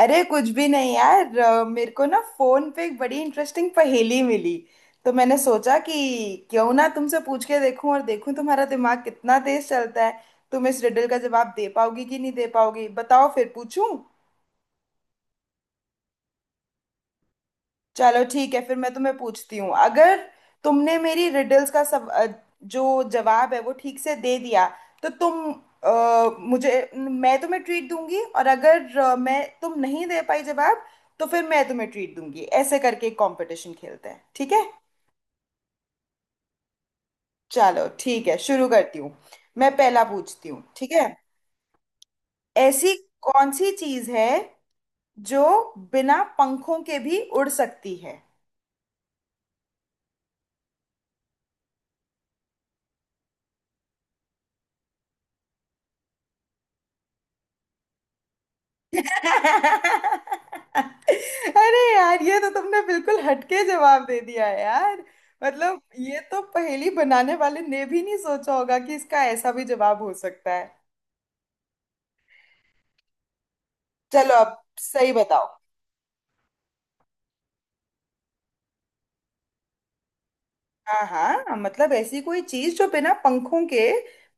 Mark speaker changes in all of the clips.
Speaker 1: अरे कुछ भी नहीं यार मेरे को ना फोन पे एक बड़ी इंटरेस्टिंग पहेली मिली। तो मैंने सोचा कि क्यों ना तुमसे पूछ के देखूं और देखूं तुम्हारा दिमाग कितना तेज चलता है। तुम इस रिडल का जवाब दे पाओगी कि नहीं दे पाओगी, बताओ फिर पूछूं। चलो ठीक है, फिर मैं तुम्हें पूछती हूँ। अगर तुमने मेरी रिडल्स का सब जो जवाब है वो ठीक से दे दिया तो तुम मुझे, मैं तुम्हें ट्रीट दूंगी। और अगर मैं, तुम नहीं दे पाई जवाब तो फिर मैं तुम्हें ट्रीट दूंगी। ऐसे करके एक कंपटीशन खेलते हैं, ठीक है। चलो ठीक है, शुरू करती हूँ। मैं पहला पूछती हूँ, ठीक है। ऐसी कौन सी चीज़ है जो बिना पंखों के भी उड़ सकती है? अरे यार, ये तो तुमने बिल्कुल हटके जवाब दे दिया है यार। मतलब ये तो पहेली बनाने वाले ने भी नहीं सोचा होगा कि इसका ऐसा भी जवाब हो सकता है। चलो अब सही बताओ। हाँ हाँ, मतलब ऐसी कोई चीज जो बिना पंखों के,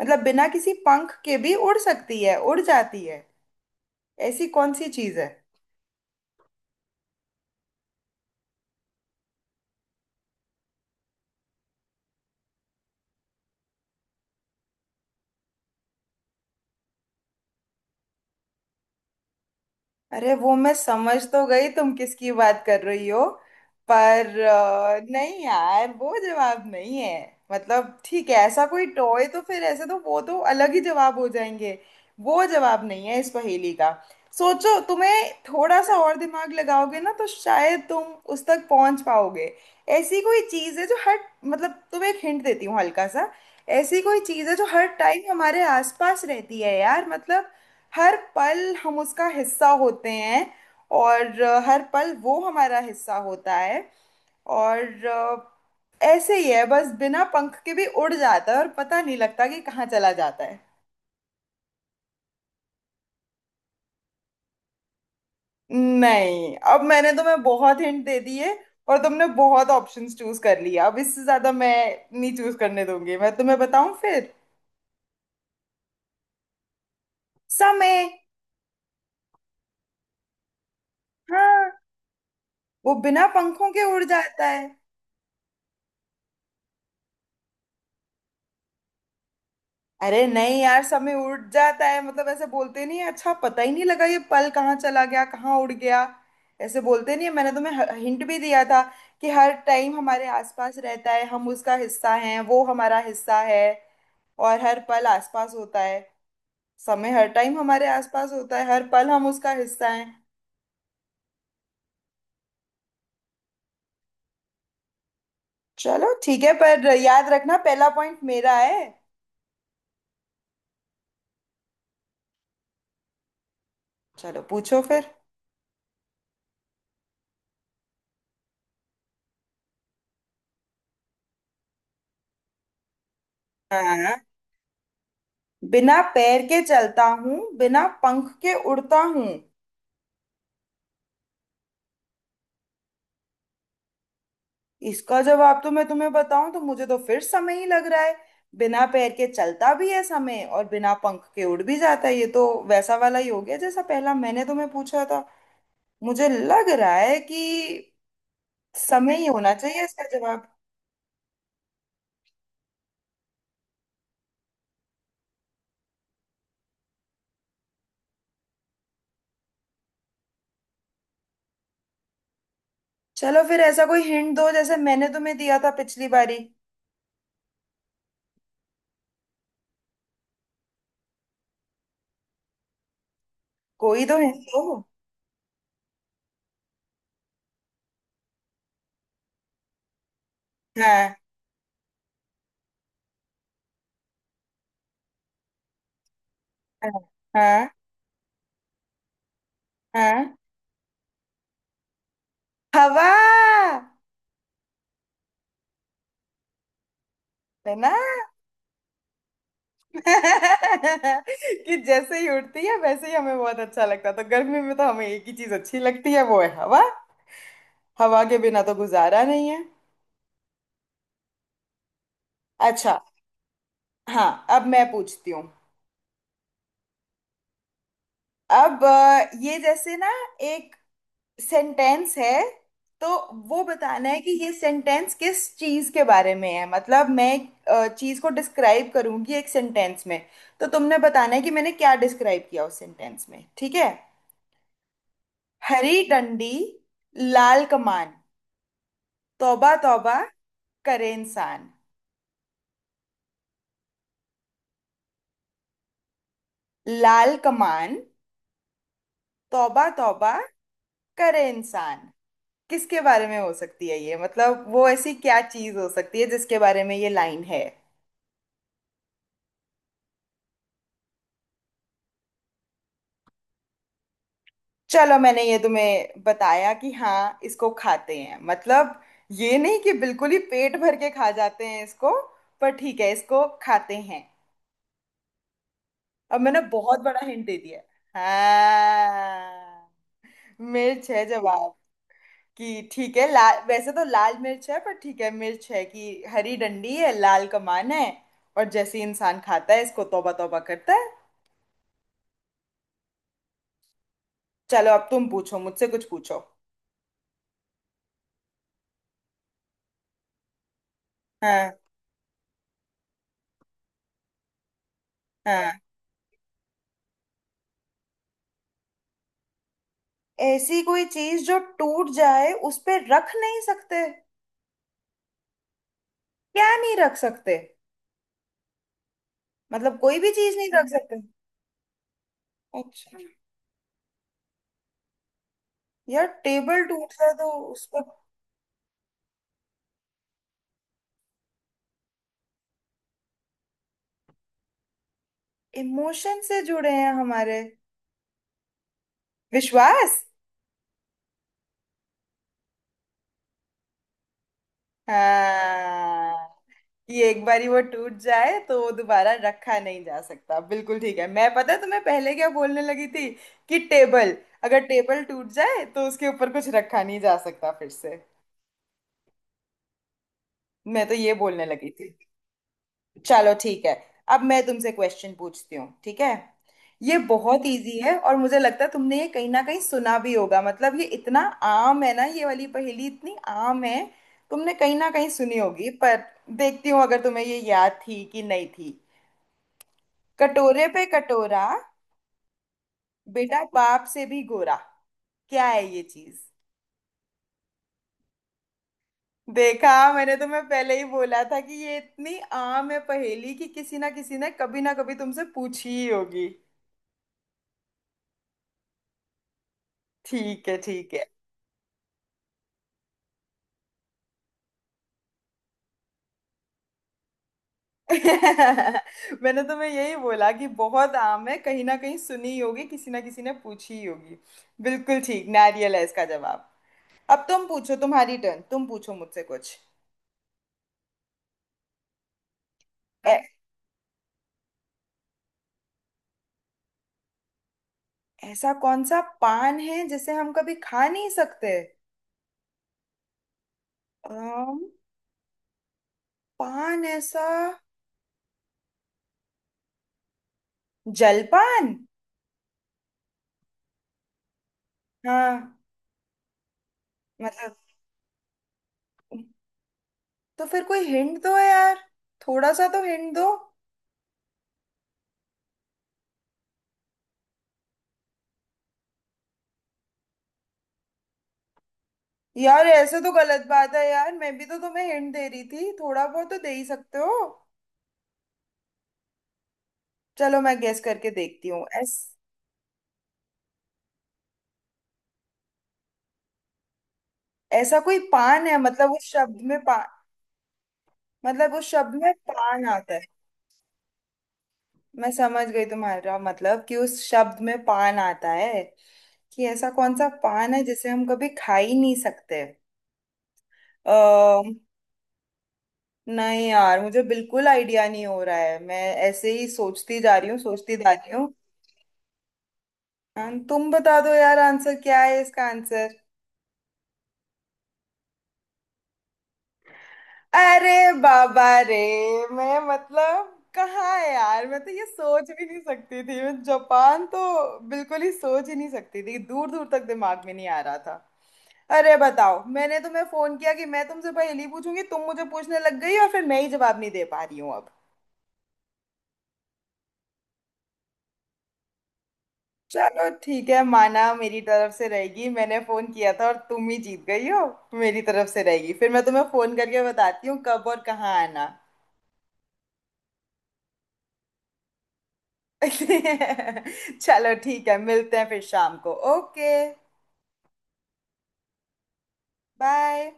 Speaker 1: मतलब बिना किसी पंख के भी उड़ सकती है, उड़ जाती है। ऐसी कौन सी चीज है? अरे वो मैं समझ तो गई तुम किसकी बात कर रही हो, पर नहीं यार, वो जवाब नहीं है। मतलब ठीक है, ऐसा कोई टॉय तो फिर ऐसे तो वो तो अलग ही जवाब हो जाएंगे। वो जवाब नहीं है इस पहेली का। सोचो, तुम्हें थोड़ा सा और दिमाग लगाओगे ना तो शायद तुम उस तक पहुंच पाओगे। ऐसी कोई चीज़ है जो हर, मतलब तुम्हें एक हिंट देती हूँ हल्का सा। ऐसी कोई चीज़ है जो हर टाइम हमारे आसपास रहती है यार, मतलब हर पल हम उसका हिस्सा होते हैं और हर पल वो हमारा हिस्सा होता है। और अ, ऐसे ही है बस, बिना पंख के भी उड़ जाता है और पता नहीं लगता कि कहाँ चला जाता है। नहीं, अब मैंने तुम्हें बहुत हिंट दे दिए और तुमने बहुत ऑप्शंस चूज कर लिया। अब इससे ज्यादा मैं नहीं चूज करने दूंगी, मैं तुम्हें बताऊं फिर। समय। हाँ, वो बिना पंखों के उड़ जाता है। अरे नहीं यार, समय उड़ जाता है, मतलब ऐसे बोलते नहीं है, अच्छा पता ही नहीं लगा ये पल कहाँ चला गया, कहाँ उड़ गया। ऐसे बोलते नहीं है। मैंने तुम्हें हिंट भी दिया था कि हर टाइम हमारे आसपास रहता है, हम उसका हिस्सा हैं वो हमारा हिस्सा है और हर पल आसपास होता है। समय हर टाइम हमारे आसपास होता है, हर पल हम उसका हिस्सा हैं। चलो ठीक है, पर याद रखना पहला पॉइंट मेरा है। चलो पूछो फिर। हाँ, बिना पैर के चलता हूँ बिना पंख के उड़ता हूँ। इसका जवाब तो मैं तुम्हें बताऊं तो मुझे तो फिर समय ही लग रहा है। बिना पैर के चलता भी है समय और बिना पंख के उड़ भी जाता है। ये तो वैसा वाला ही हो गया जैसा पहला मैंने तुम्हें पूछा था। मुझे लग रहा है कि समय ही होना चाहिए इसका जवाब। चलो फिर ऐसा कोई हिंट दो जैसे मैंने तुम्हें दिया था पिछली बारी। कोई तो हिंट दो। हाँ। हाँ। हाँ। हाँ। हवा। है ना। कि जैसे ही उठती है वैसे ही हमें बहुत अच्छा लगता है, तो गर्मी में तो हमें एक ही चीज अच्छी लगती है, वो है हवा। हवा के बिना तो गुजारा नहीं है। अच्छा। हाँ। अब मैं पूछती हूँ। ये जैसे ना, एक सेंटेंस है तो वो बताना है कि ये सेंटेंस किस चीज के बारे में है। मतलब मैं एक चीज को डिस्क्राइब करूंगी एक सेंटेंस में, तो तुमने बताना है कि मैंने क्या डिस्क्राइब किया उस सेंटेंस में, ठीक है। हरी डंडी, लाल कमान, तौबा तौबा करे इंसान। लाल कमान, तौबा तौबा करे इंसान। किसके बारे में हो सकती है ये, मतलब वो ऐसी क्या चीज हो सकती है जिसके बारे में ये लाइन है? चलो मैंने ये तुम्हें बताया कि हाँ इसको खाते हैं, मतलब ये नहीं कि बिल्कुल ही पेट भर के खा जाते हैं इसको, पर ठीक है इसको खाते हैं। अब मैंने बहुत बड़ा हिंट दे दिया। हाँ, मिर्च है जवाब। कि ठीक है, लाल, वैसे तो लाल मिर्च है, पर ठीक है मिर्च है कि हरी डंडी है, लाल कमान है और जैसे ही इंसान खाता है इसको तौबा तौबा करता है। चलो, अब तुम पूछो, मुझसे कुछ पूछो। हाँ। हाँ। ऐसी कोई चीज जो टूट जाए उस पे रख नहीं सकते? क्या नहीं रख सकते, मतलब कोई भी चीज नहीं रख सकते? अच्छा। यार टेबल टूट जाए तो उस पर। इमोशन से जुड़े हैं हमारे। विश्वास। हाँ, ये एक बारी वो टूट जाए तो वो दोबारा रखा नहीं जा सकता, बिल्कुल ठीक है। मैं पता है तुम्हें पहले क्या बोलने लगी थी कि टेबल, अगर टेबल टूट जाए तो उसके ऊपर कुछ रखा नहीं जा सकता फिर से। मैं तो ये बोलने लगी थी। चलो ठीक है, अब मैं तुमसे क्वेश्चन पूछती हूँ, ठीक है। ये बहुत इजी है और मुझे लगता है तुमने ये कहीं ना कहीं सुना भी होगा। मतलब ये इतना आम है ना, ये वाली पहेली इतनी आम है, तुमने कहीं ना कहीं सुनी होगी, पर देखती हूँ अगर तुम्हें ये याद थी कि नहीं थी। कटोरे पे कटोरा, बेटा बाप से भी गोरा। क्या है ये चीज? देखा, मैंने तुम्हें पहले ही बोला था कि ये इतनी आम है पहेली कि किसी ना किसी ने कभी ना कभी तुमसे पूछी ही होगी। ठीक है ठीक है। मैंने तुम्हें यही बोला कि बहुत आम है, कहीं ना कहीं सुनी ही होगी, किसी ना किसी ने पूछी ही होगी। बिल्कुल ठीक, नारियल है इसका जवाब। अब तुम पूछो, तुम्हारी टर्न, तुम पूछो मुझसे कुछ। ऐ- ऐसा कौन सा पान है जिसे हम कभी खा नहीं सकते? आम पान। ऐसा जलपान? हाँ। मतलब, तो फिर कोई हिंट दो यार, थोड़ा सा तो हिंट दो। यार ऐसे तो गलत बात है यार, मैं भी तो तुम्हें हिंट दे रही थी, थोड़ा बहुत तो दे ही सकते हो। चलो मैं गेस करके देखती हूँ। ऐस ऐसा कोई पान है, मतलब उस शब्द में पान, मतलब उस शब्द में पान आता है? मैं समझ गई तुम्हारा मतलब, कि उस शब्द में पान आता है, कि ऐसा कौन सा पान है जिसे हम कभी खा ही नहीं सकते। नहीं यार, मुझे बिल्कुल आइडिया नहीं हो रहा है। मैं ऐसे ही सोचती जा रही हूँ, सोचती जा रही हूँ। तुम बता दो यार, आंसर क्या है इसका आंसर। अरे बाबा रे। मैं, मतलब कहाँ है यार, मैं तो ये सोच भी नहीं सकती थी, मैं जापान तो बिल्कुल ही सोच ही नहीं सकती थी, दूर दूर तक दिमाग में नहीं आ रहा था। अरे बताओ, मैंने तुम्हें फोन किया कि मैं तुमसे पहेली पूछूंगी, तुम मुझे पूछने लग गई और फिर मैं ही जवाब नहीं दे पा रही हूँ अब। चलो ठीक है, माना मेरी तरफ से रहेगी, मैंने फोन किया था और तुम ही जीत गई हो। मेरी तरफ से रहेगी, फिर मैं तुम्हें फोन करके बताती हूँ कब और कहाँ आना। चलो ठीक है, मिलते हैं फिर शाम को, ओके। बाय।